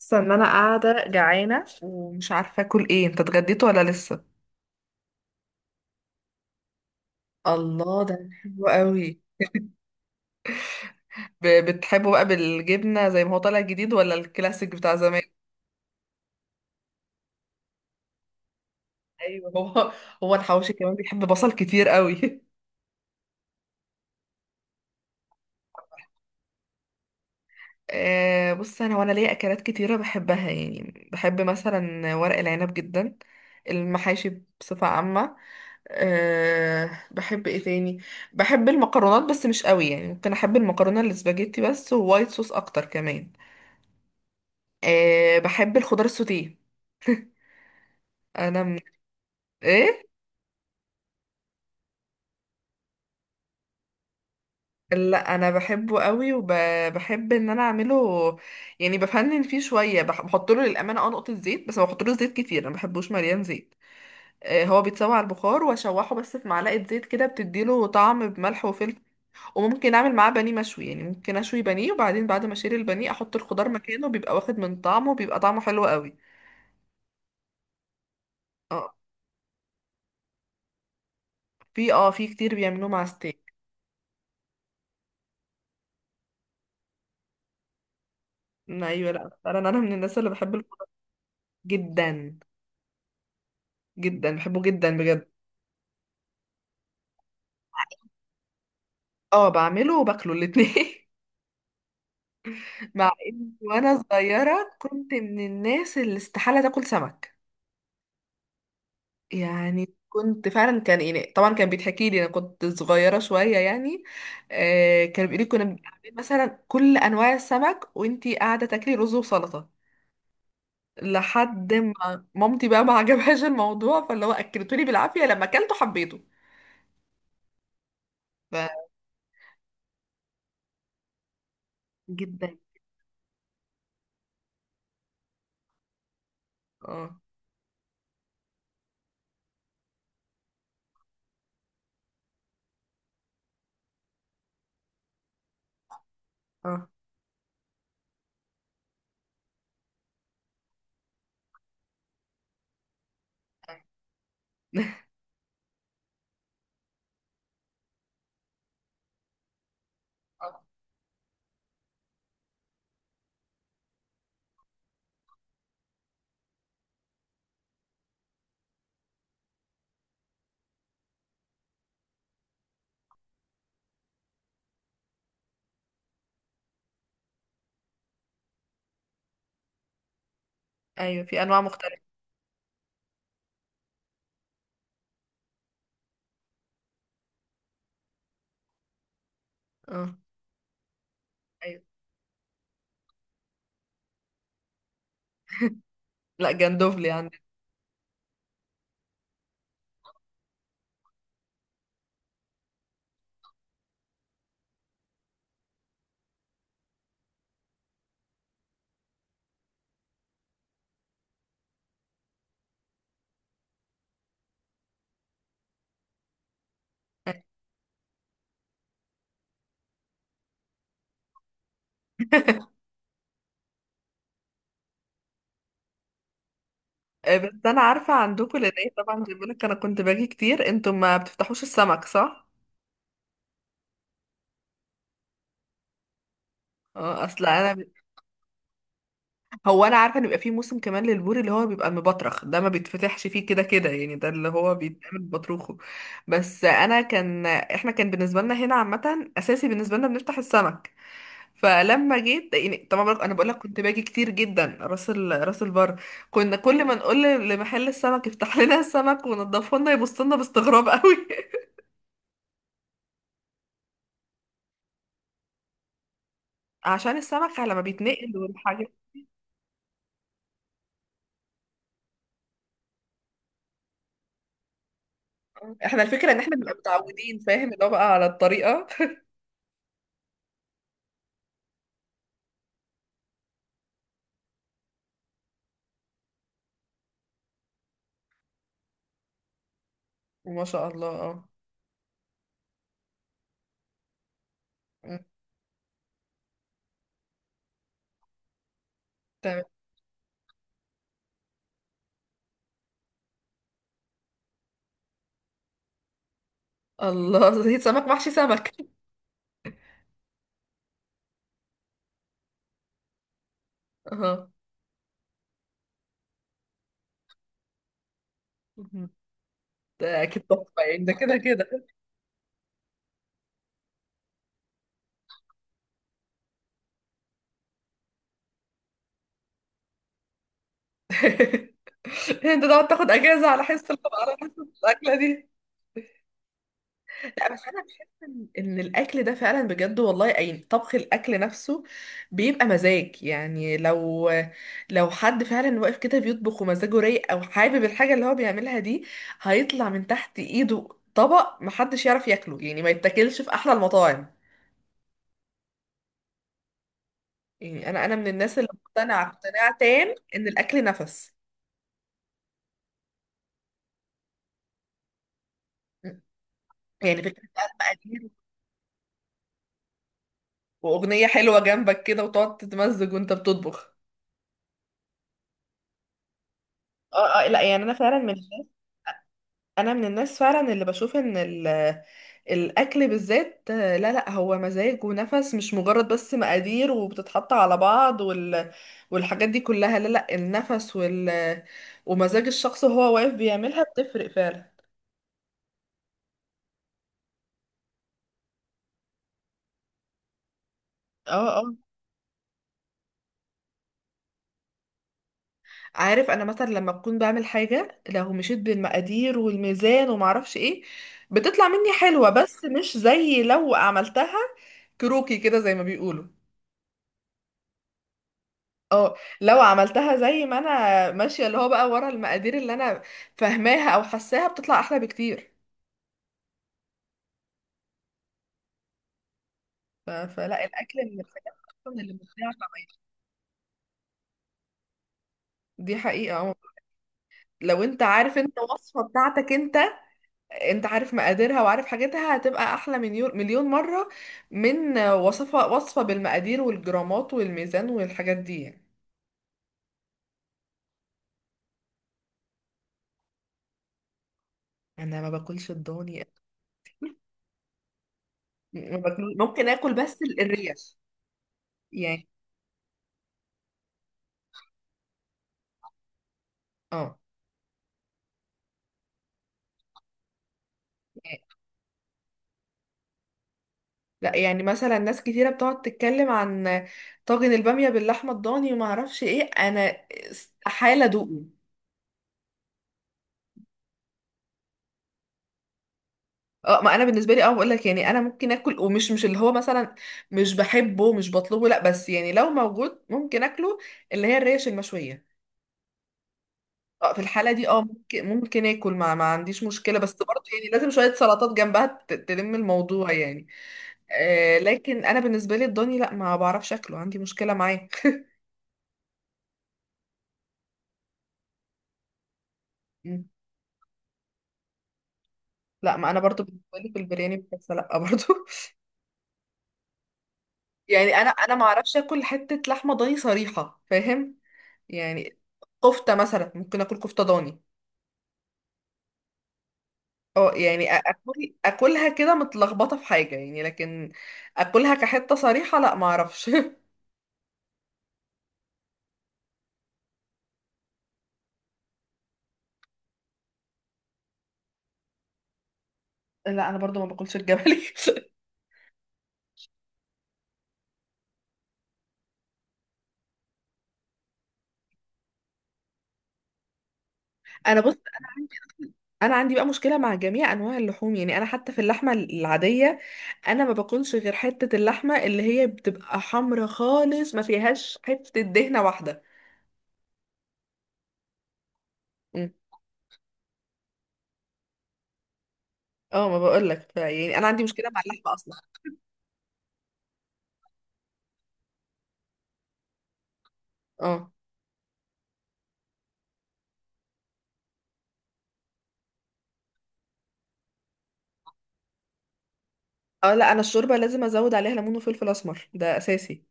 اصلا ان انا قاعده جعانه ومش عارفه اكل ايه، انت اتغديت ولا لسه؟ الله، ده حلو قوي. بتحبه بقى بالجبنه زي ما هو طالع جديد، ولا الكلاسيك بتاع زمان؟ ايوه، هو هو الحواوشي كمان بيحب بصل كتير قوي. آه، بص، انا ليا اكلات كتيره بحبها، يعني بحب مثلا ورق العنب جدا. المحاشي بصفه عامه. بحب ايه تاني؟ بحب المكرونات بس مش قوي، يعني ممكن احب المكرونه الاسباجيتي بس، ووايت صوص اكتر كمان. بحب الخضار السوتيه. انا من... ايه؟ لا، انا بحبه قوي وبحب ان انا اعمله. يعني بفنن فيه شويه، بحط له للامانه نقطه زيت بس، ما بحطلوش زيت كتير، انا ما بحبوش مليان زيت. هو بيتسوى على البخار واشوحه بس في معلقه زيت كده، بتديله طعم، بملح وفلفل. وممكن اعمل معاه بانيه مشوي، يعني ممكن اشوي بانيه، وبعدين بعد ما اشيل البانيه احط الخضار مكانه، بيبقى واخد من طعمه، بيبقى طعمه حلو قوي. اه. في كتير بيعملوه مع ستيك. ايوه، لا فعلا انا من الناس اللي بحب الخضار. جدا. جدا، بحبه جدا بجد. اه، بعمله وباكله الاتنين. مع اني وانا صغيرة كنت من الناس اللي استحالة تاكل سمك. يعني كنت فعلا كان، يعني طبعا كان بيتحكي لي انا كنت صغيرة شوية يعني. آه، كان بيقولي كنا بنعمل مثلا كل انواع السمك، وانتي قاعدة تاكلي رز وسلطة. لحد ما مامتي بقى ما عجبهاش الموضوع، فاللي هو اكلتولي بالعافية، لما اكلته حبيته. ف جدا. اه، اه. ايوه، في انواع مختلفة. اه. أيوة. لا، جندوفلي عندنا. آه، بس انا عارفه عندكم لان إيه، طبعا زي ما بقولك، انا كنت باجي كتير، انتوا ما بتفتحوش السمك صح؟ اه، اصل انا ب... هو انا عارفه ان بيبقى فيه موسم كمان للبوري، اللي هو بيبقى المبطرخ، ده ما بيتفتحش فيه كده كده يعني، ده اللي هو بيتعمل بطروخه. بس انا كان احنا كان بالنسبه لنا هنا عامه، اساسي بالنسبه لنا بنفتح السمك. فلما جيت يعني، طبعا انا بقول لك كنت باجي كتير جدا راس البر. كنا كل ما نقول لمحل السمك يفتح لنا السمك ونضفه لنا، يبص لنا باستغراب قوي. عشان السمك لما بيتنقل والحاجات. احنا الفكرة ان احنا بنبقى متعودين، فاهم، اللي هو بقى على الطريقة. ما شاء الله، اه. م، تمام. الله! زيت، سمك محشي سمك! اه، م، ده اكيد تحفة يعني، ده كده كده. انت تقعد تاخد اجازة على حس الاكلة دي. لا، بس انا بحس ان الاكل ده فعلا بجد والله، اي طبخ، الاكل نفسه بيبقى مزاج يعني. لو حد فعلا واقف كده بيطبخ ومزاجه رايق، او حابب الحاجه اللي هو بيعملها دي، هيطلع من تحت ايده طبق محدش يعرف ياكله، يعني ما يتاكلش في احلى المطاعم. يعني انا من الناس اللي مقتنعه اقتناع تام ان الاكل نفس. يعني فكره بقى المقادير، واغنيه حلوه جنبك كده، وتقعد تتمزج وانت بتطبخ. اه، اه، لا يعني انا فعلا من انا من الناس فعلا اللي بشوف ان ال الاكل بالذات، آه، لا لا، هو مزاج ونفس، مش مجرد بس مقادير وبتتحط على بعض، وال والحاجات دي كلها، لا لا، النفس وال ومزاج الشخص وهو واقف بيعملها بتفرق فعلا. اه، اه. عارف، انا مثلا لما بكون بعمل حاجة لو مشيت بالمقادير والميزان ومعرفش ايه، بتطلع مني حلوة، بس مش زي لو عملتها كروكي كده، زي ما بيقولوا. اه، لو عملتها زي ما انا ماشيه، اللي هو بقى ورا المقادير اللي انا فاهماها او حاساها، بتطلع احلى بكتير. فلا الاكل من الحاجات اصلا اللي بتضيع طعمها. دي حقيقه، اه. لو انت عارف انت الوصفه بتاعتك انت، انت عارف مقاديرها وعارف حاجتها، هتبقى احلى مليون مليون مره من وصفه وصفه بالمقادير والجرامات والميزان والحاجات دي يعني. انا ما باكلش الضاني. ما باكل، ممكن اكل بس الريش. يعني. اه، لا يعني مثلا ناس كتيرة بتقعد تتكلم عن طاجن البامية باللحمة الضاني وما اعرفش ايه، انا استحالة ادوقه. اه، ما انا بالنسبة لي اه بقول لك يعني، انا ممكن اكل، ومش مش اللي هو مثلا مش بحبه مش بطلبه، لا، بس يعني لو موجود ممكن اكله، اللي هي الريش المشوية. اه، في الحالة دي ممكن اكل، ما عنديش مشكلة، بس برضه يعني لازم شوية سلطات جنبها تلم الموضوع يعني. آه، لكن انا بالنسبة لي الضاني لا، ما بعرفش اكله، عندي مشكلة معاه. لا، ما انا برضو بالنسبه لي في البرياني بحس لا برضو. يعني انا ما اعرفش اكل حته لحمه ضاني صريحه، فاهم؟ يعني. كفته مثلا ممكن اكل كفته ضاني. اه يعني، اكلها كده متلخبطه في حاجه يعني، لكن اكلها كحته صريحه لا، ما اعرفش. لا، انا برضو ما باكلش الجملي. انا، بص، انا عندي بقى مشكله مع جميع انواع اللحوم، يعني انا حتى في اللحمه العاديه، انا ما باكلش غير حته اللحمه اللي هي بتبقى حمرا خالص، ما فيهاش حته دهنه واحده. اه، ما بقولك يعني انا عندي مشكله مع اللحمه اصلا. اه، اه، لا انا الشوربه لازم ازود عليها ليمون وفلفل اسمر، ده اساسي.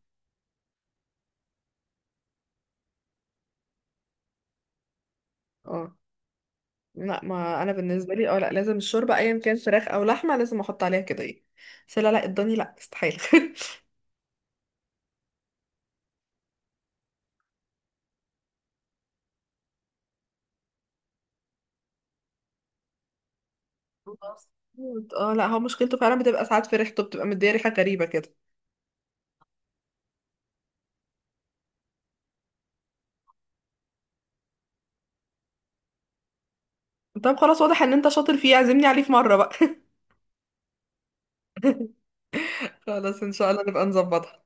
اه، لا ما انا بالنسبه لي، لا لازم الشوربه ايا كان فراخ او لحمه، لازم احط عليها كده ايه. بس لا، لا الضاني لا، استحيل! مظبوط. اه، لا هو مشكلته فعلا بتبقى ساعات في ريحته، بتبقى مديه ريحه غريبه كده. طب، خلاص، واضح ان انت شاطر فيه، عزمني عليه في مره بقى. خلاص، ان شاء الله نبقى نظبطها.